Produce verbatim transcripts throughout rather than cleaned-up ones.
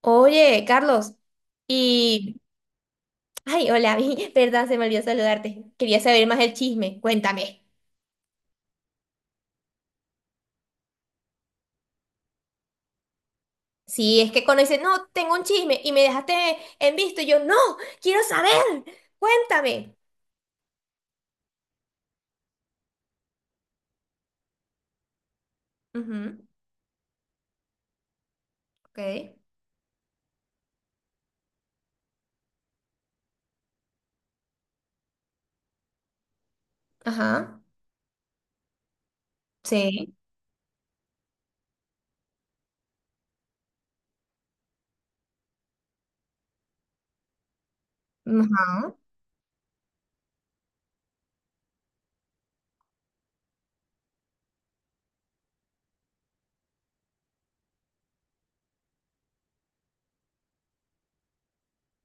Oye, Carlos, y... Ay, hola, verdad, se me olvidó saludarte. Quería saber más del chisme, cuéntame. Si es que conoces, no, tengo un chisme y me dejaste en visto, y yo, no, quiero saber, cuéntame. Ujú, ok, ajá, sí, ajá.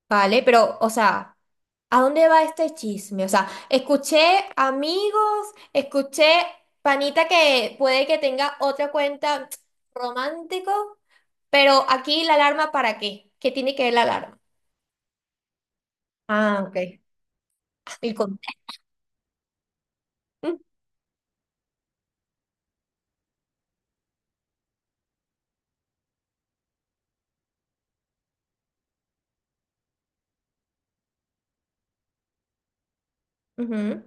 Vale, pero, o sea, ¿a dónde va este chisme? O sea, escuché amigos, escuché panita que puede que tenga otra cuenta romántico, pero aquí la alarma ¿para qué? ¿Qué tiene que ver la alarma? Ah, ok. El contexto. Ujú.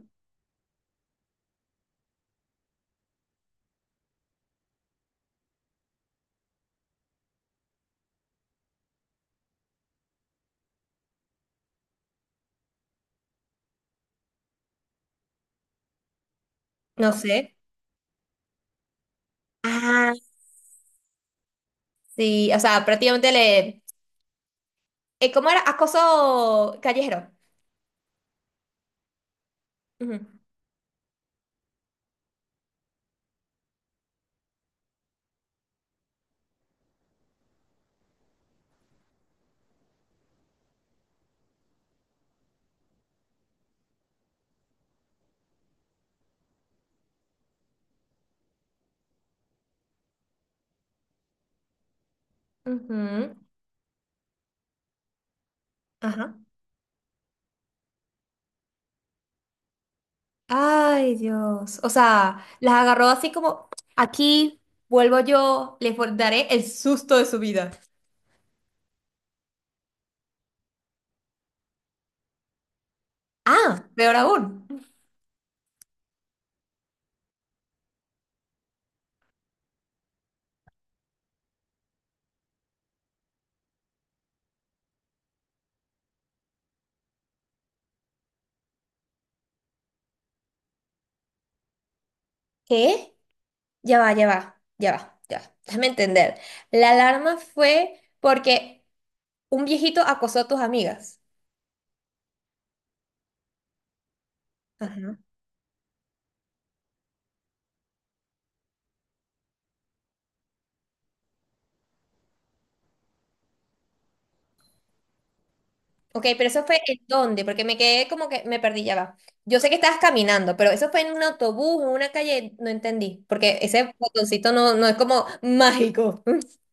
No sé. Ah, sí, o sea, prácticamente le... eh, ¿cómo era? Acoso callejero. Ujú, ujú. Ajá. Ay, Dios. O sea, las agarró así como, aquí vuelvo yo, les vol- daré el susto de su vida. Ah, peor aún. ¿Qué? Ya va, ya va, ya va, ya va. Déjame entender. La alarma fue porque un viejito acosó a tus amigas. Ajá. Ok, pero eso fue en dónde, porque me quedé como que me perdí, ya va. Yo sé que estabas caminando, pero eso fue en un autobús, en una calle, no entendí, porque ese botoncito no, no es como mágico.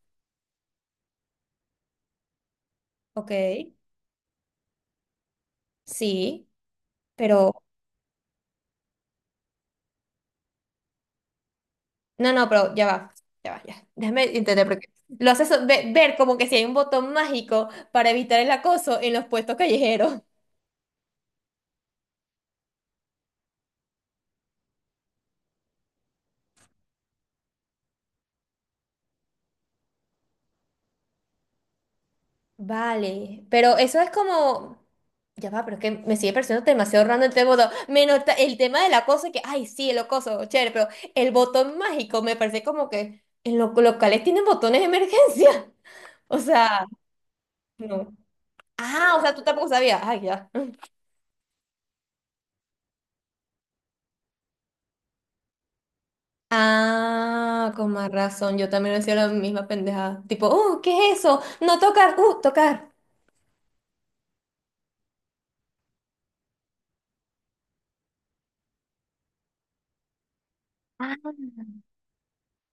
Ok. Sí. Pero, no, no, pero ya va, ya va, ya. Déjame intentar porque lo haces so- ve- ver como que si hay un botón mágico para evitar el acoso en los puestos callejeros. Vale, pero eso es como... Ya va, pero es que me sigue pareciendo demasiado random este botón. Menos ta- el tema del acoso, que, ay, sí, el acoso, chévere, pero el botón mágico me parece como que en los locales tienen botones de emergencia. O sea, no. Ah, o sea, tú tampoco sabías. Ay, ya. Ah, con más razón. Yo también decía la misma pendejada. Tipo, uh, ¿qué es eso? No tocar, uh, tocar. Ah,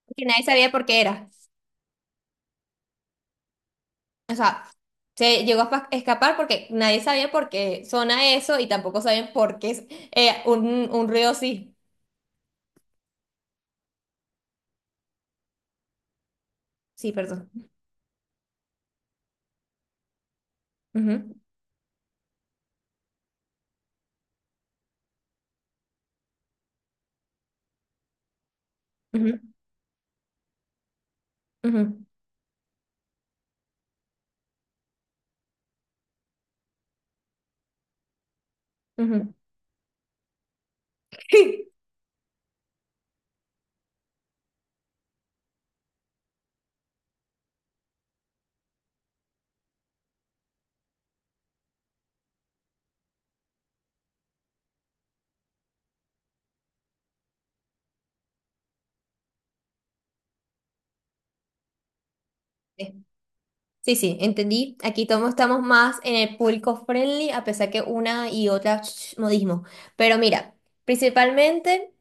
porque nadie sabía por qué era. O sea, se llegó a pa- escapar porque nadie sabía por qué suena eso y tampoco sabían por qué es eh, un, un ruido así. Sí, perdón. Ujú, ujú, ujú, ujú. Sí, sí, entendí. Aquí todos estamos más en el público friendly, a pesar que una y otra ch, modismo. Pero mira, principalmente.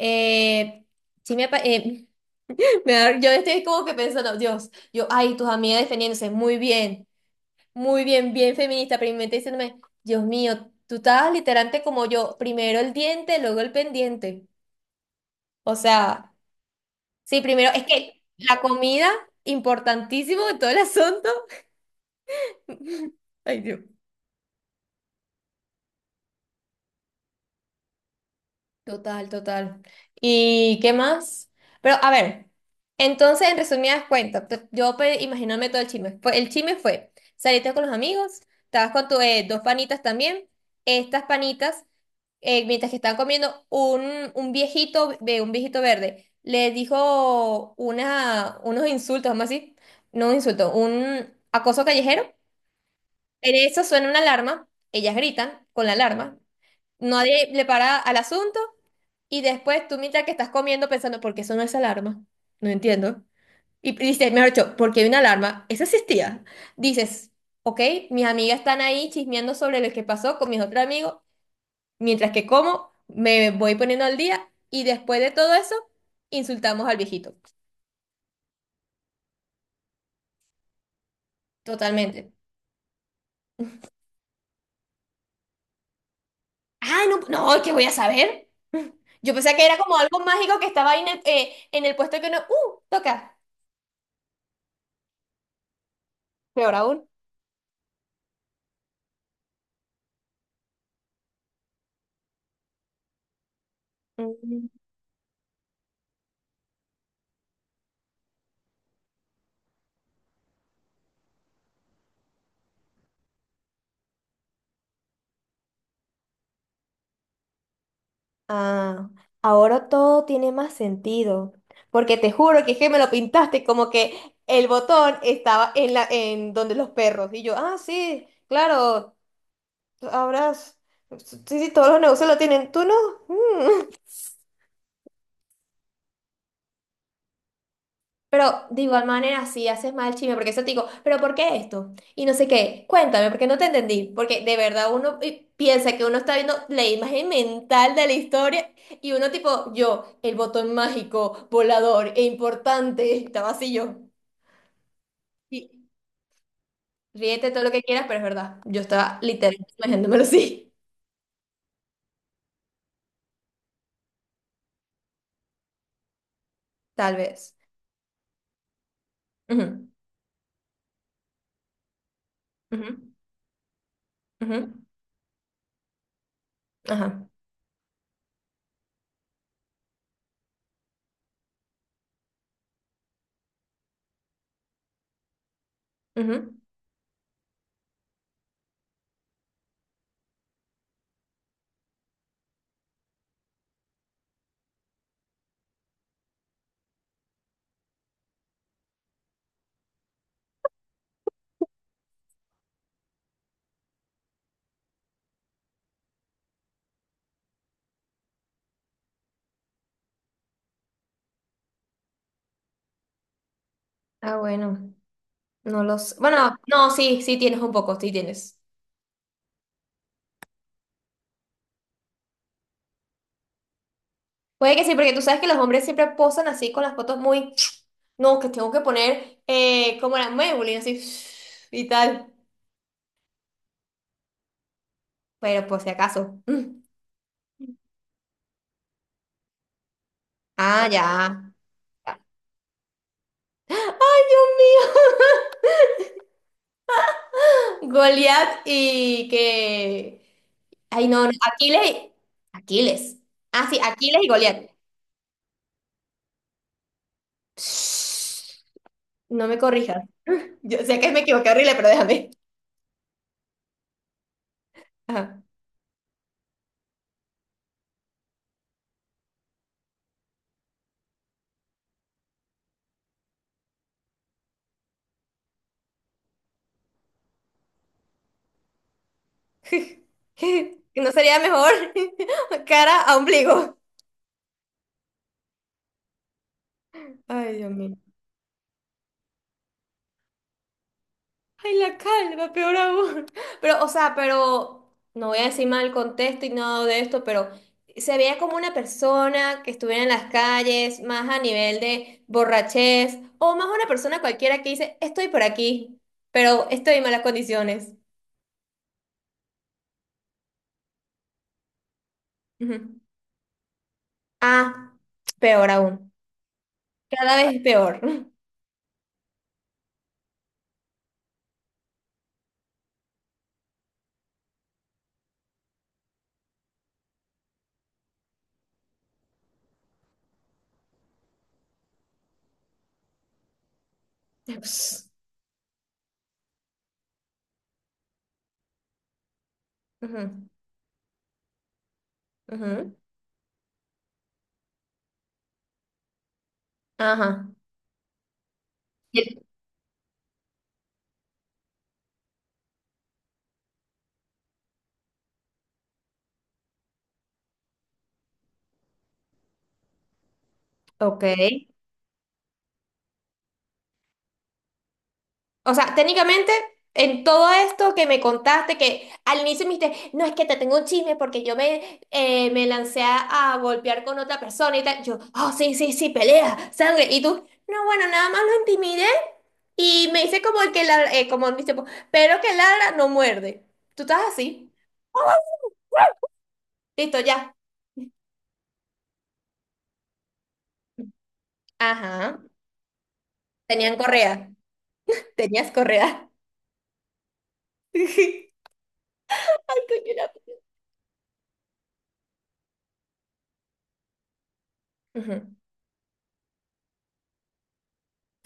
Eh, sí me, apa- eh, me da- yo estoy como que pensando, Dios, yo, ay, tus amigas defendiéndose, muy bien, muy bien, bien feminista, pero mi mente diciéndome, Dios mío, tú estabas literalmente como yo, primero el diente, luego el pendiente. O sea, sí, primero, es que la comida, importantísimo en todo el asunto. Ay, Dios. Total, total. ¿Y qué más? Pero a ver, entonces en resumidas cuentas, te- yo pe- imaginándome todo el chisme. Fue- El chisme fue, saliste con los amigos, estabas con tus dos panitas también, estas panitas, eh, mientras que estaban comiendo, un, un viejito, ve- un viejito verde, les dijo una, unos insultos, vamos a decir, no un insulto, un acoso callejero. En eso suena una alarma, ellas gritan con la alarma, nadie le para al asunto. Y después tú mientras que estás comiendo pensando, ¿por qué sonó esa alarma? No entiendo. Y dices, mejor dicho, ¿por qué hay una alarma? Esa existía. Dices, ok, mis amigas están ahí chismeando sobre lo que pasó con mis otros amigos, mientras que como, me voy poniendo al día y después de todo eso, insultamos al viejito. Totalmente. Ah, no, no, ¿qué voy a saber? Yo pensé que era como algo mágico que estaba ahí en el, eh, en el puesto que uno, uh, toca. Peor aún. Ah, ahora todo tiene más sentido, porque te juro que es que me lo pintaste como que el botón estaba en la en donde los perros y yo, ah, sí, claro, ahora s- sí, sí, todos los negocios lo tienen, tú no. Pero de igual manera, si haces mal chisme, porque eso te digo, pero ¿por qué esto? Y no sé qué, cuéntame, porque no te entendí, porque de verdad uno eh, piensa que uno está viendo la imagen mental de la historia y uno tipo, yo, el botón mágico, volador e importante, estaba así yo. Y ríete todo lo que quieras, pero es verdad, yo estaba literalmente imaginándomelo así, tal vez. Ujú, ujú, ujú. Ajá. Ujú. Ah, bueno, no los bueno, no, sí, sí tienes un poco, sí tienes. Puede que sí, porque tú sabes que los hombres siempre posan así con las fotos muy... No, que tengo que poner eh, como la Maybelline, así y tal. Pero por si acaso. Mm. Ah, ya. ¡Ay, Dios mío! Goliat y que... Ay, no, no. Aquiles. y- Aquiles. Ah, sí, Aquiles y Goliat. No me corrijas. Yo sé que me equivoqué horrible, pero déjame. Ajá. ¿No sería mejor cara a ombligo? Ay, Dios mío. Ay, la calva, peor aún. Pero, o sea, pero no voy a decir mal contexto y nada de esto, pero se veía como una persona que estuviera en las calles, más a nivel de borrachez, o más una persona cualquiera que dice, estoy por aquí, pero estoy en malas condiciones. Ujú. Ah, peor aún. Cada vez es peor. Ujú, ujú. Ajá, y ok. O sea, técnicamente, en todo esto que me contaste, que al inicio me dijiste, no es que te tengo un chisme porque yo me, eh, me lancé a, a golpear con otra persona y tal. Yo, oh, sí, sí, sí, pelea, sangre. Y tú, no, bueno, nada más lo intimidé y me hice como el que ladra, eh, como dice, pues, pero que ladra no muerde. Tú estás así. Listo, ya. Ajá. Tenían correa. Tenías correa. Ay, coño, la- Ujú.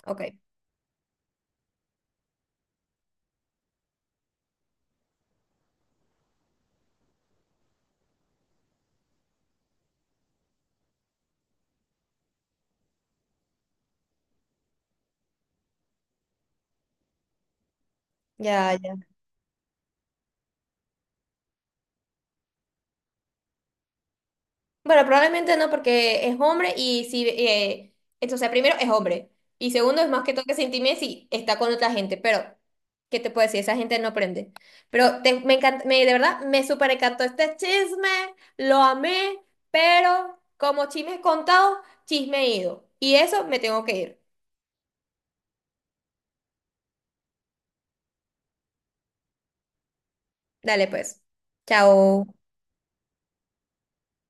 Ok, ya, ya. Bueno, probablemente no, porque es hombre y si, eh, entonces o sea, primero es hombre y segundo es más que todo que se intime si está con otra gente, pero ¿qué te puedo decir? Esa gente no aprende. Pero te- me encanta, me, de verdad, me súper encantó este chisme, lo amé, pero como chisme contado, chisme ido. Y eso me tengo que ir. Dale pues. Chao.